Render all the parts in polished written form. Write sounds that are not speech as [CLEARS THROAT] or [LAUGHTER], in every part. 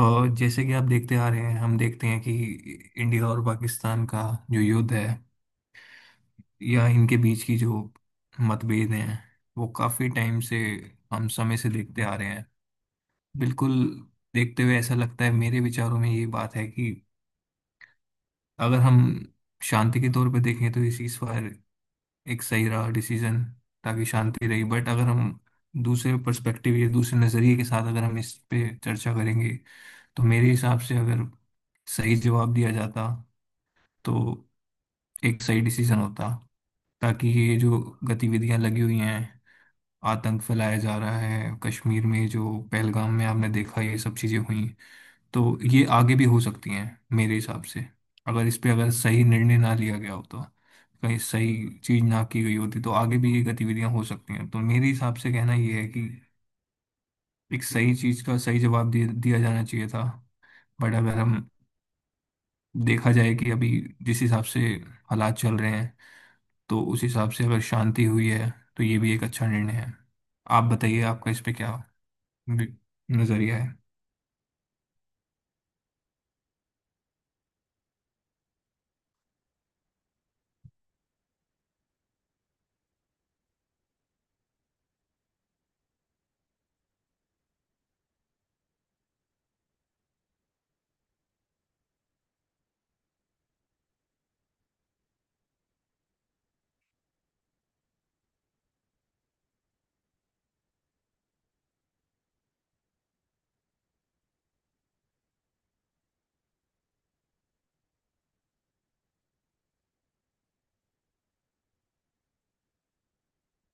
और जैसे कि आप देखते आ रहे हैं, हम देखते हैं कि इंडिया और पाकिस्तान का जो युद्ध है या इनके बीच की जो मतभेद हैं, वो काफी टाइम से, हम समय से देखते आ रहे हैं। बिल्कुल। देखते हुए ऐसा लगता है, मेरे विचारों में ये बात है कि अगर हम शांति के तौर पर देखें तो ये सीज फायर एक सही रहा डिसीजन, ताकि शांति रही। बट अगर हम दूसरे पर्सपेक्टिव या दूसरे नजरिए के साथ अगर हम इस पे चर्चा करेंगे, तो मेरे हिसाब से अगर सही जवाब दिया जाता तो एक सही डिसीजन होता, ताकि ये जो गतिविधियां लगी हुई हैं, आतंक फैलाया जा रहा है कश्मीर में, जो पहलगाम में आपने देखा ये सब चीजें हुई, तो ये आगे भी हो सकती हैं। मेरे हिसाब से अगर इस पे अगर सही निर्णय ना लिया गया होता, कहीं सही चीज ना की गई होती तो आगे भी ये गतिविधियां हो सकती हैं। तो मेरे हिसाब से कहना ये है कि एक सही चीज का सही जवाब दिया जाना चाहिए था। बट अगर हम देखा जाए कि अभी जिस हिसाब से हालात चल रहे हैं, तो उस हिसाब से अगर शांति हुई है तो ये भी एक अच्छा निर्णय है। आप बताइए, आपका इस पे क्या वि- नजरिया है?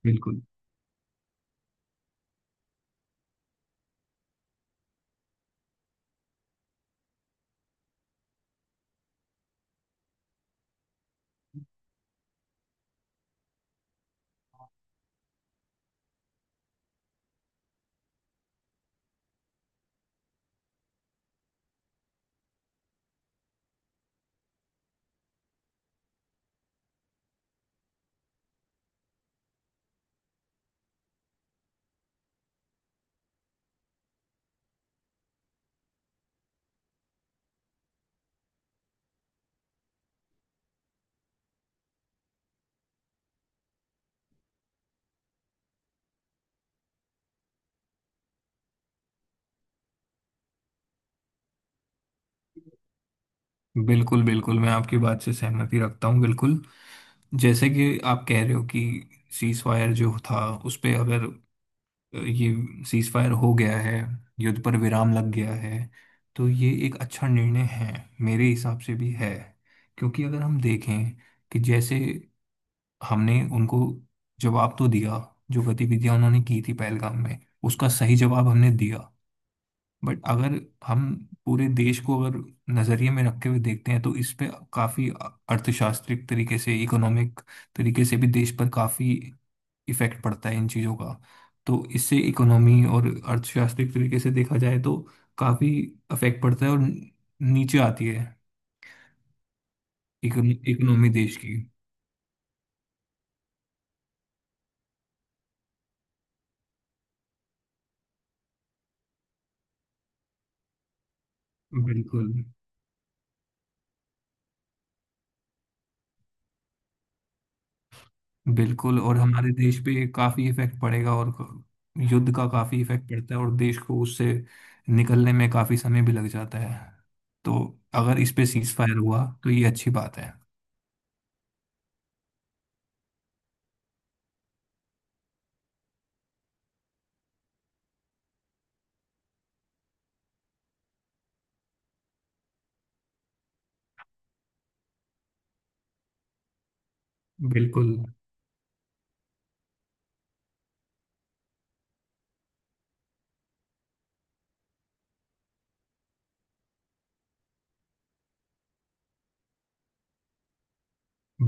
बिल्कुल, बिल्कुल। बिल्कुल, मैं आपकी बात से सहमति रखता हूँ। बिल्कुल, जैसे कि आप कह रहे हो कि सीज फायर जो था उस पे अगर, ये सीज फायर हो गया है, युद्ध पर विराम लग गया है, तो ये एक अच्छा निर्णय है। मेरे हिसाब से भी है, क्योंकि अगर हम देखें कि जैसे हमने उनको जवाब तो दिया, जो गतिविधियां उन्होंने की थी पहलगाम में उसका सही जवाब हमने दिया। बट अगर हम पूरे देश को अगर नजरिए में रखते हुए देखते हैं, तो इस पे काफी अर्थशास्त्रिक तरीके से, इकोनॉमिक तरीके से भी देश पर काफी इफेक्ट पड़ता है इन चीजों का। तो इससे इकोनॉमी और अर्थशास्त्रिक तरीके से देखा जाए तो काफी इफेक्ट पड़ता है, और नीचे आती है इकोनॉमी देश की। बिल्कुल। बिल्कुल, और हमारे देश पे काफी इफेक्ट पड़ेगा और युद्ध का काफी इफेक्ट पड़ता है, और देश को उससे निकलने में काफी समय भी लग जाता है। तो अगर इस पे सीज फायर हुआ तो ये अच्छी बात है। बिल्कुल।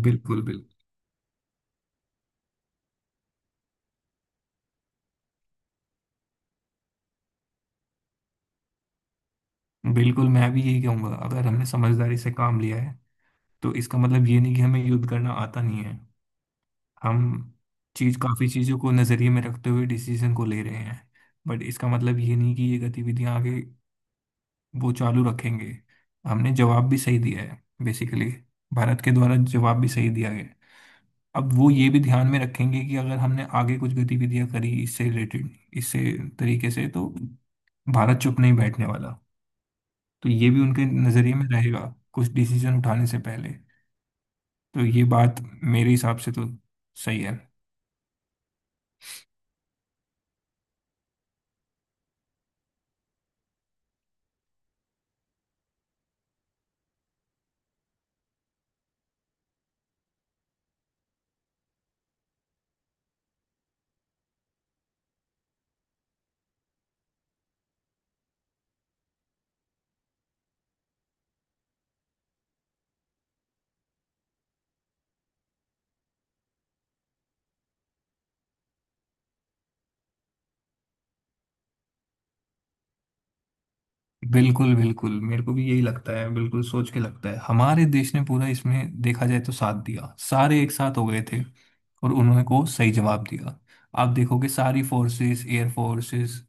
बिल्कुल। बिल्कुल। बिल्कुल, मैं भी यही कहूंगा। अगर हमने समझदारी से काम लिया है तो इसका मतलब ये नहीं कि हमें युद्ध करना आता नहीं है। हम चीज, काफी चीजों को नजरिए में रखते हुए डिसीजन को ले रहे हैं। बट इसका मतलब ये नहीं कि ये गतिविधियां आगे वो चालू रखेंगे। हमने जवाब भी सही दिया है, बेसिकली भारत के द्वारा जवाब भी सही दिया गया है। अब वो ये भी ध्यान में रखेंगे कि अगर हमने आगे कुछ गतिविधियां करी इससे रिलेटेड, इससे तरीके से, तो भारत चुप नहीं बैठने वाला। तो ये भी उनके नजरिए में रहेगा कुछ डिसीजन उठाने से पहले। तो ये बात मेरे हिसाब से तो सही है। बिल्कुल। बिल्कुल, मेरे को भी यही लगता है। बिल्कुल, सोच के लगता है हमारे देश ने पूरा इसमें देखा जाए तो साथ दिया, सारे एक साथ हो गए थे और उन्होंने को सही जवाब दिया। आप देखोगे, सारी forces, air forces,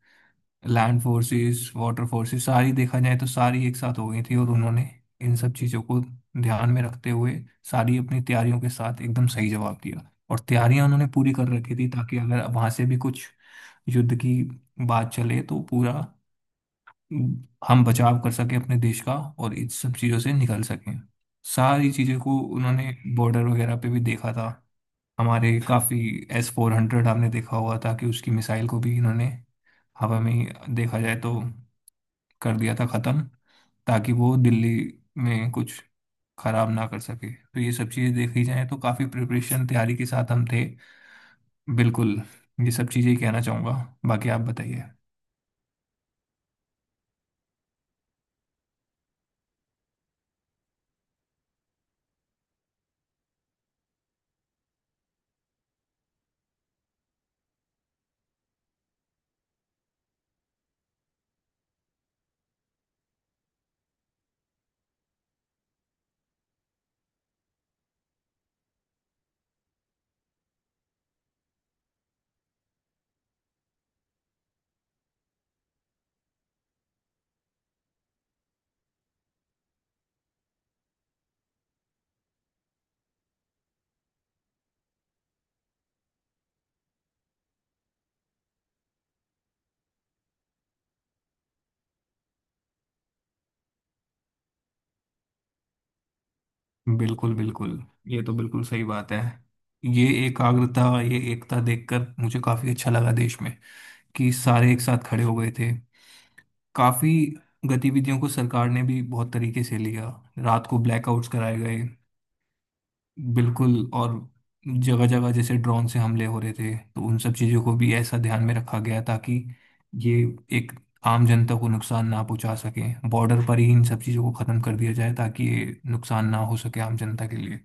land forces, water forces, सारी, देखा जाए तो सारी एक साथ हो गई थी और उन्होंने इन सब चीज़ों को ध्यान में रखते हुए सारी अपनी तैयारियों के साथ एकदम सही जवाब दिया, और तैयारियां उन्होंने पूरी कर रखी थी ताकि अगर वहां से भी कुछ युद्ध की बात चले तो पूरा हम बचाव कर सकें अपने देश का और इन सब चीज़ों से निकल सकें। सारी चीज़ों को उन्होंने बॉर्डर वगैरह पे भी देखा था। हमारे काफ़ी S-400, आपने देखा हुआ था कि उसकी मिसाइल को भी इन्होंने हवा में ही, देखा जाए तो, कर दिया था ख़त्म, ताकि वो दिल्ली में कुछ खराब ना कर सके। तो ये सब चीज़ें देखी जाए तो काफ़ी प्रिपरेशन, तैयारी के साथ हम थे। बिल्कुल। ये सब चीज़ें ही कहना चाहूँगा। बाकी आप बताइए। बिल्कुल, बिल्कुल। ये तो बिल्कुल सही बात है। ये एकाग्रता, ये एकता देखकर मुझे काफी अच्छा लगा देश में, कि सारे एक साथ खड़े हो गए थे। काफी गतिविधियों को सरकार ने भी बहुत तरीके से लिया। रात को ब्लैकआउट्स कराए गए। बिल्कुल। और जगह जगह जैसे ड्रोन से हमले हो रहे थे तो उन सब चीजों को भी ऐसा ध्यान में रखा गया, ताकि ये एक आम जनता को नुकसान ना पहुंचा सके। बॉर्डर पर ही इन सब चीजों को खत्म कर दिया जाए ताकि ये नुकसान ना हो सके आम जनता के लिए।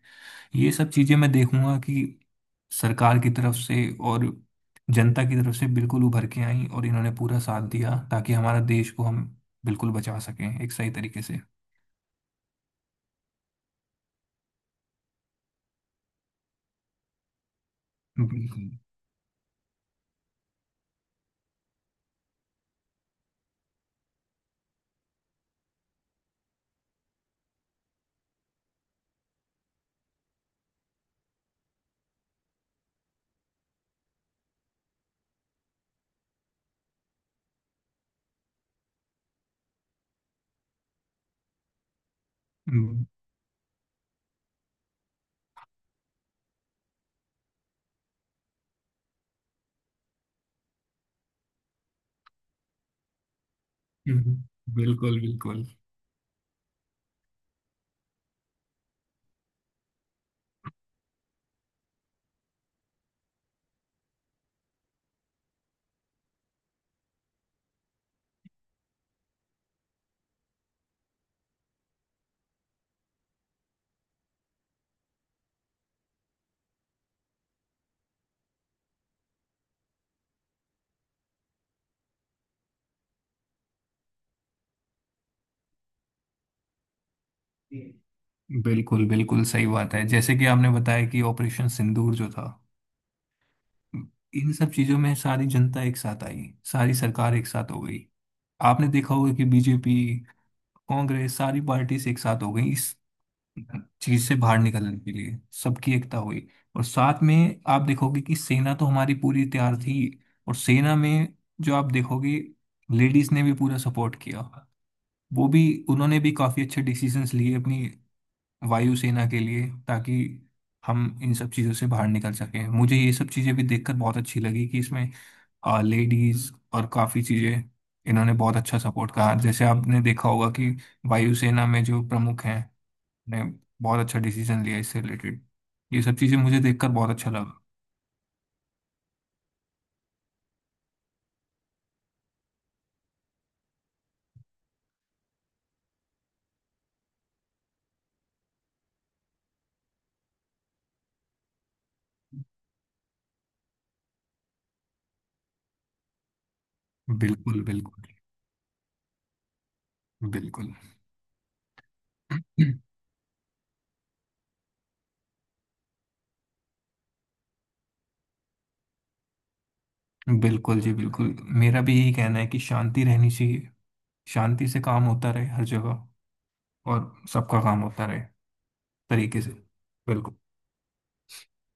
ये सब चीजें मैं देखूंगा कि सरकार की तरफ से और जनता की तरफ से बिल्कुल उभर के आई और इन्होंने पूरा साथ दिया, ताकि हमारा देश को हम बिल्कुल बचा सकें एक सही तरीके से। बिल्कुल। हम्म, हम्म, बिल्कुल, बिल्कुल। बिल्कुल, बिल्कुल सही बात है। जैसे कि आपने बताया कि ऑपरेशन सिंदूर जो था, इन सब चीजों में सारी जनता एक साथ आई, सारी सरकार एक साथ हो गई। आपने देखा होगा कि बीजेपी, कांग्रेस, सारी पार्टीज एक साथ हो गई इस चीज से बाहर निकलने के लिए। सबकी एकता हुई। और साथ में आप देखोगे कि सेना तो हमारी पूरी तैयार थी, और सेना में जो आप देखोगे लेडीज ने भी पूरा सपोर्ट किया। वो भी, उन्होंने भी काफी अच्छे डिसीजंस लिए अपनी वायुसेना के लिए, ताकि हम इन सब चीजों से बाहर निकल सकें। मुझे ये सब चीजें भी देखकर बहुत अच्छी लगी कि इसमें लेडीज और काफी चीजें इन्होंने बहुत अच्छा सपोर्ट कहा। जैसे आपने देखा होगा कि वायुसेना में जो प्रमुख हैं ने बहुत अच्छा डिसीजन लिया इससे रिलेटेड। ये सब चीज़ें मुझे देखकर बहुत अच्छा लगा। बिल्कुल, बिल्कुल, बिल्कुल। [CLEARS THROAT] बिल्कुल जी, बिल्कुल। मेरा भी यही कहना है कि शांति रहनी चाहिए, शांति से काम होता रहे हर जगह, और सबका काम होता रहे तरीके से। बिल्कुल।